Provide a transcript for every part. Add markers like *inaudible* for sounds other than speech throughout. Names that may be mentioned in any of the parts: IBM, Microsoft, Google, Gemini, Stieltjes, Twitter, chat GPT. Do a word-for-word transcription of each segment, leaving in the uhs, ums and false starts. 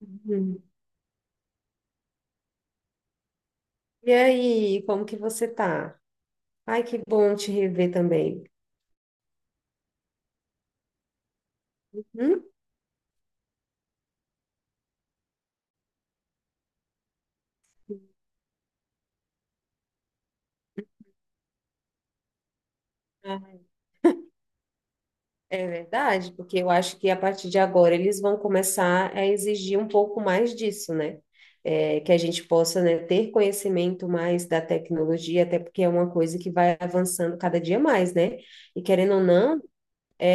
Uhum. E aí, como que você tá? Ai, que bom te rever também. Hum? Ah, é verdade, porque eu acho que a partir de agora eles vão começar a exigir um pouco mais disso, né? É, que a gente possa, né, ter conhecimento mais da tecnologia, até porque é uma coisa que vai avançando cada dia mais, né? E querendo ou não,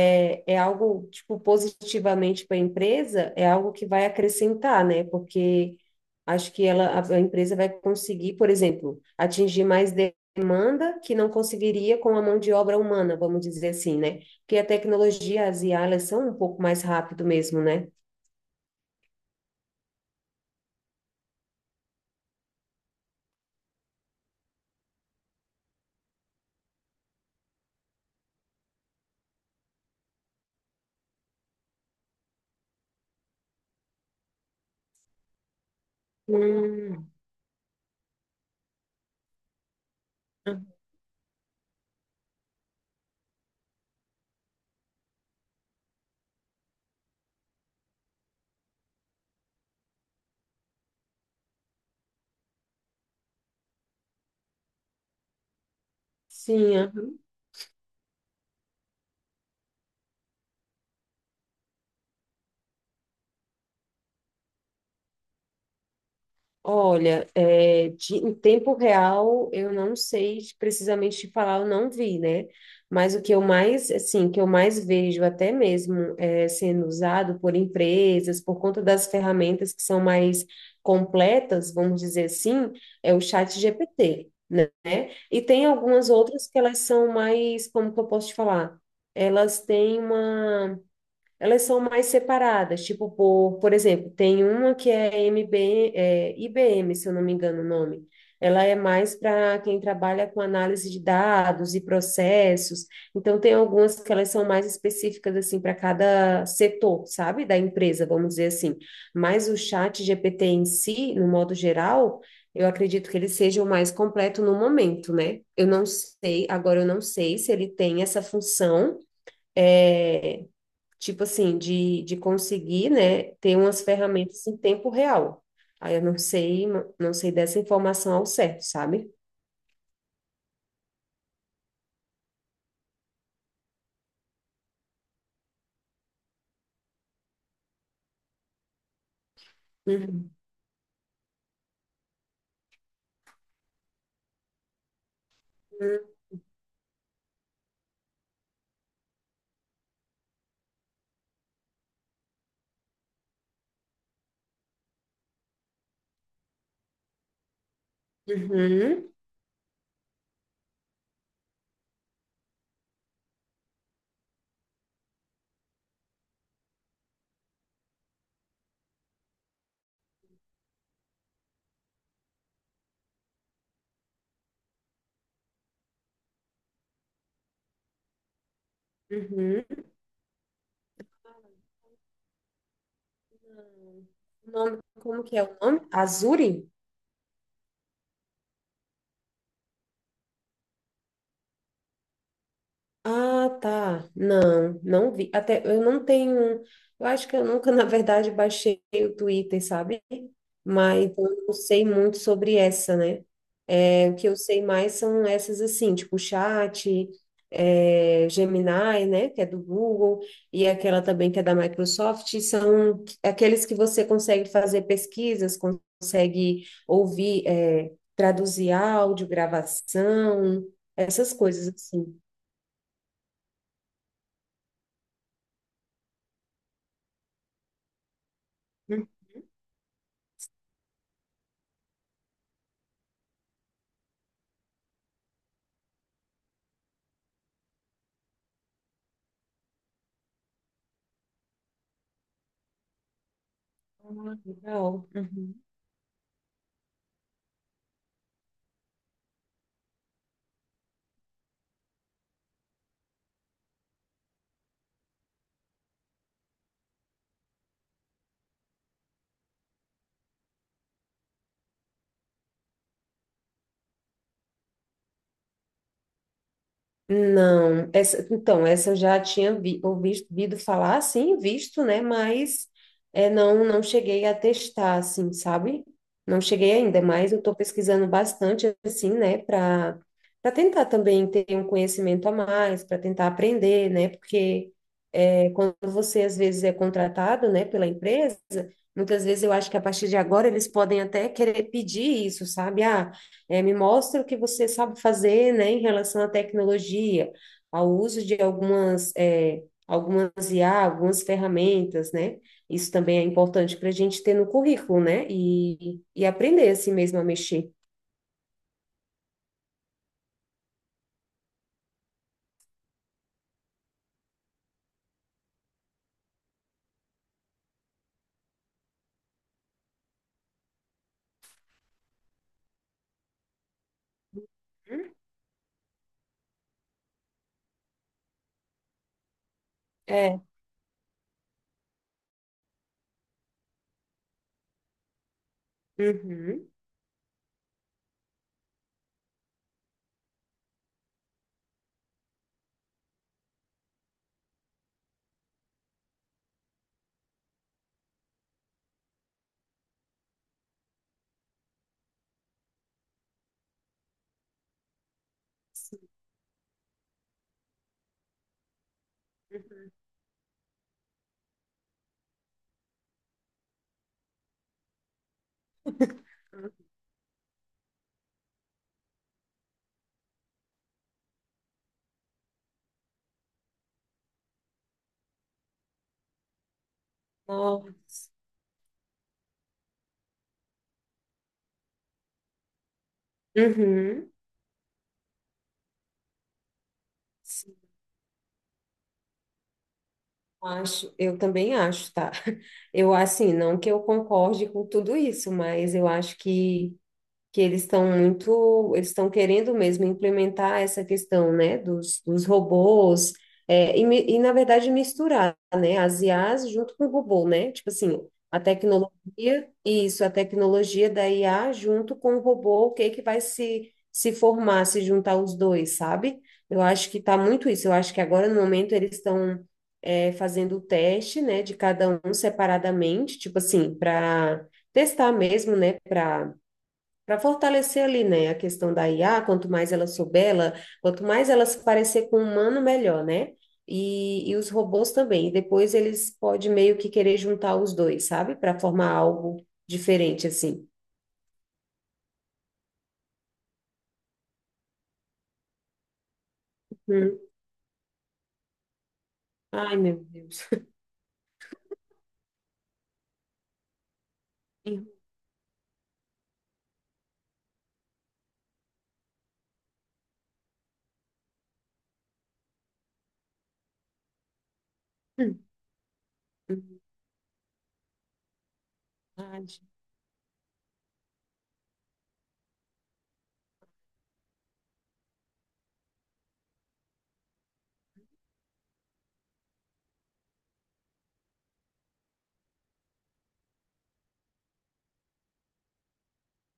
é é algo, tipo, positivamente para a empresa, é algo que vai acrescentar, né? Porque acho que ela, a, a empresa vai conseguir, por exemplo, atingir mais de- demanda que não conseguiria com a mão de obra humana, vamos dizer assim, né? Porque a tecnologia, as I A, elas são um pouco mais rápido mesmo, né? Hum, sim, aham. Olha, é, de- em tempo real, eu não sei precisamente te falar, eu não vi, né? Mas o que eu mais, assim, que eu mais vejo até mesmo é, sendo usado por empresas, por conta das ferramentas que são mais completas, vamos dizer assim, é o chat G P T, né? E tem algumas outras que elas são mais, como que eu posso te falar? Elas têm uma, elas são mais separadas, tipo, por, por exemplo, tem uma que é, M B, é I B M, se eu não me engano o nome. Ela é mais para quem trabalha com análise de dados e processos. Então, tem algumas que elas são mais específicas, assim, para cada setor, sabe? Da empresa, vamos dizer assim. Mas o chat G P T em si, no modo geral, eu acredito que ele seja o mais completo no momento, né? Eu não sei, agora eu não sei se ele tem essa função, é, tipo assim, de, de conseguir, né, ter umas ferramentas em tempo real. Aí eu não sei, não sei dessa informação ao certo, sabe? Uhum. Uhum. Uhum. O nome, como que é o nome? Azuri? Ah, tá. Não, não vi. Até eu não tenho. Eu acho que eu nunca, *laughs* na verdade, baixei o Twitter, sabe? Mas então, eu não sei muito sobre essa, né? É, o que eu sei mais são essas assim, tipo chat, é, Gemini, né, que é do Google, e aquela também que é da Microsoft, são aqueles que você consegue fazer pesquisas, consegue ouvir, é, traduzir áudio, gravação, essas coisas assim. Uhum. Ah, legal. Uhum. Não, essa, então, essa eu já tinha vi, ouvido, ouvido falar, sim, visto, né? Mas é, não, não cheguei a testar, assim, sabe? Não cheguei ainda, mas eu estou pesquisando bastante, assim, né? Para para tentar também ter um conhecimento a mais, para tentar aprender, né? Porque é, quando você às vezes é contratado, né, pela empresa, muitas vezes eu acho que a partir de agora eles podem até querer pedir isso, sabe? Ah, é, me mostra o que você sabe fazer, né, em relação à tecnologia, ao uso de algumas, é, algumas I A, algumas ferramentas, né? Isso também é importante para a gente ter no currículo, né? E, e aprender assim mesmo a mexer. É. Uhum. Uhum. Nossa. Uhum. Acho, eu também acho, tá? *laughs* Eu, assim, não que eu concorde com tudo isso, mas eu acho que que eles estão muito, eles estão querendo mesmo implementar essa questão, né, dos, dos robôs, é, e, mi- e, na verdade misturar, né, as I As junto com o robô, né, tipo assim, a tecnologia, isso, a tecnologia da I A junto com o robô, o que que vai se, se formar, se juntar os dois, sabe? Eu acho que tá muito isso, eu acho que agora no momento eles estão é, fazendo o teste, né, de cada um separadamente, tipo assim, para testar mesmo, né, para para fortalecer ali, né, a questão da I A, quanto mais ela souber, ela, quanto mais ela se parecer com o humano, melhor, né? E, e os robôs também. E depois eles podem meio que querer juntar os dois, sabe? Para formar algo diferente, assim. Hum. Ai, meu Deus. *laughs* Hum, hum, verdade.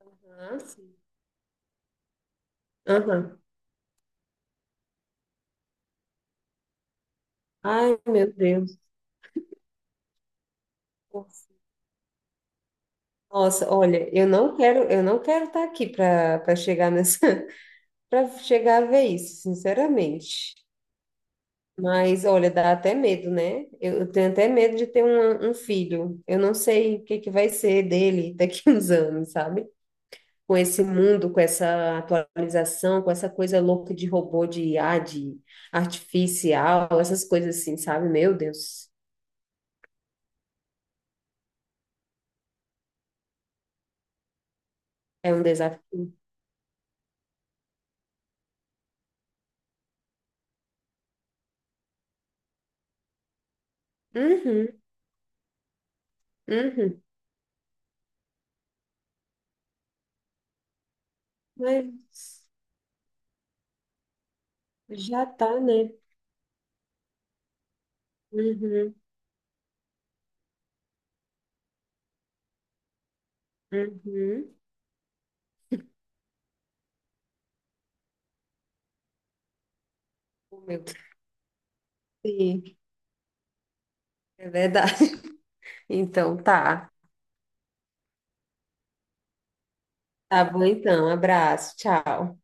Aham, sim. Aham. Ai, meu Deus. Nossa, olha, eu não quero, eu não quero estar aqui para para chegar nessa, *laughs* para chegar a ver isso, sinceramente. Mas, olha, dá até medo, né? Eu eu tenho até medo de ter um, um filho. Eu não sei o que que vai ser dele daqui *laughs* uns anos, sabe? Com esse mundo, com essa atualização, com essa coisa louca de robô, de I A, de artificial, essas coisas assim, sabe? Meu Deus, é um desafio. Uhum, uhum. Mas já tá, né? Uhum, uhum. Oh, meu Deus. Sim, é verdade. *laughs* Então, tá. Tá bom, então. Abraço. Tchau.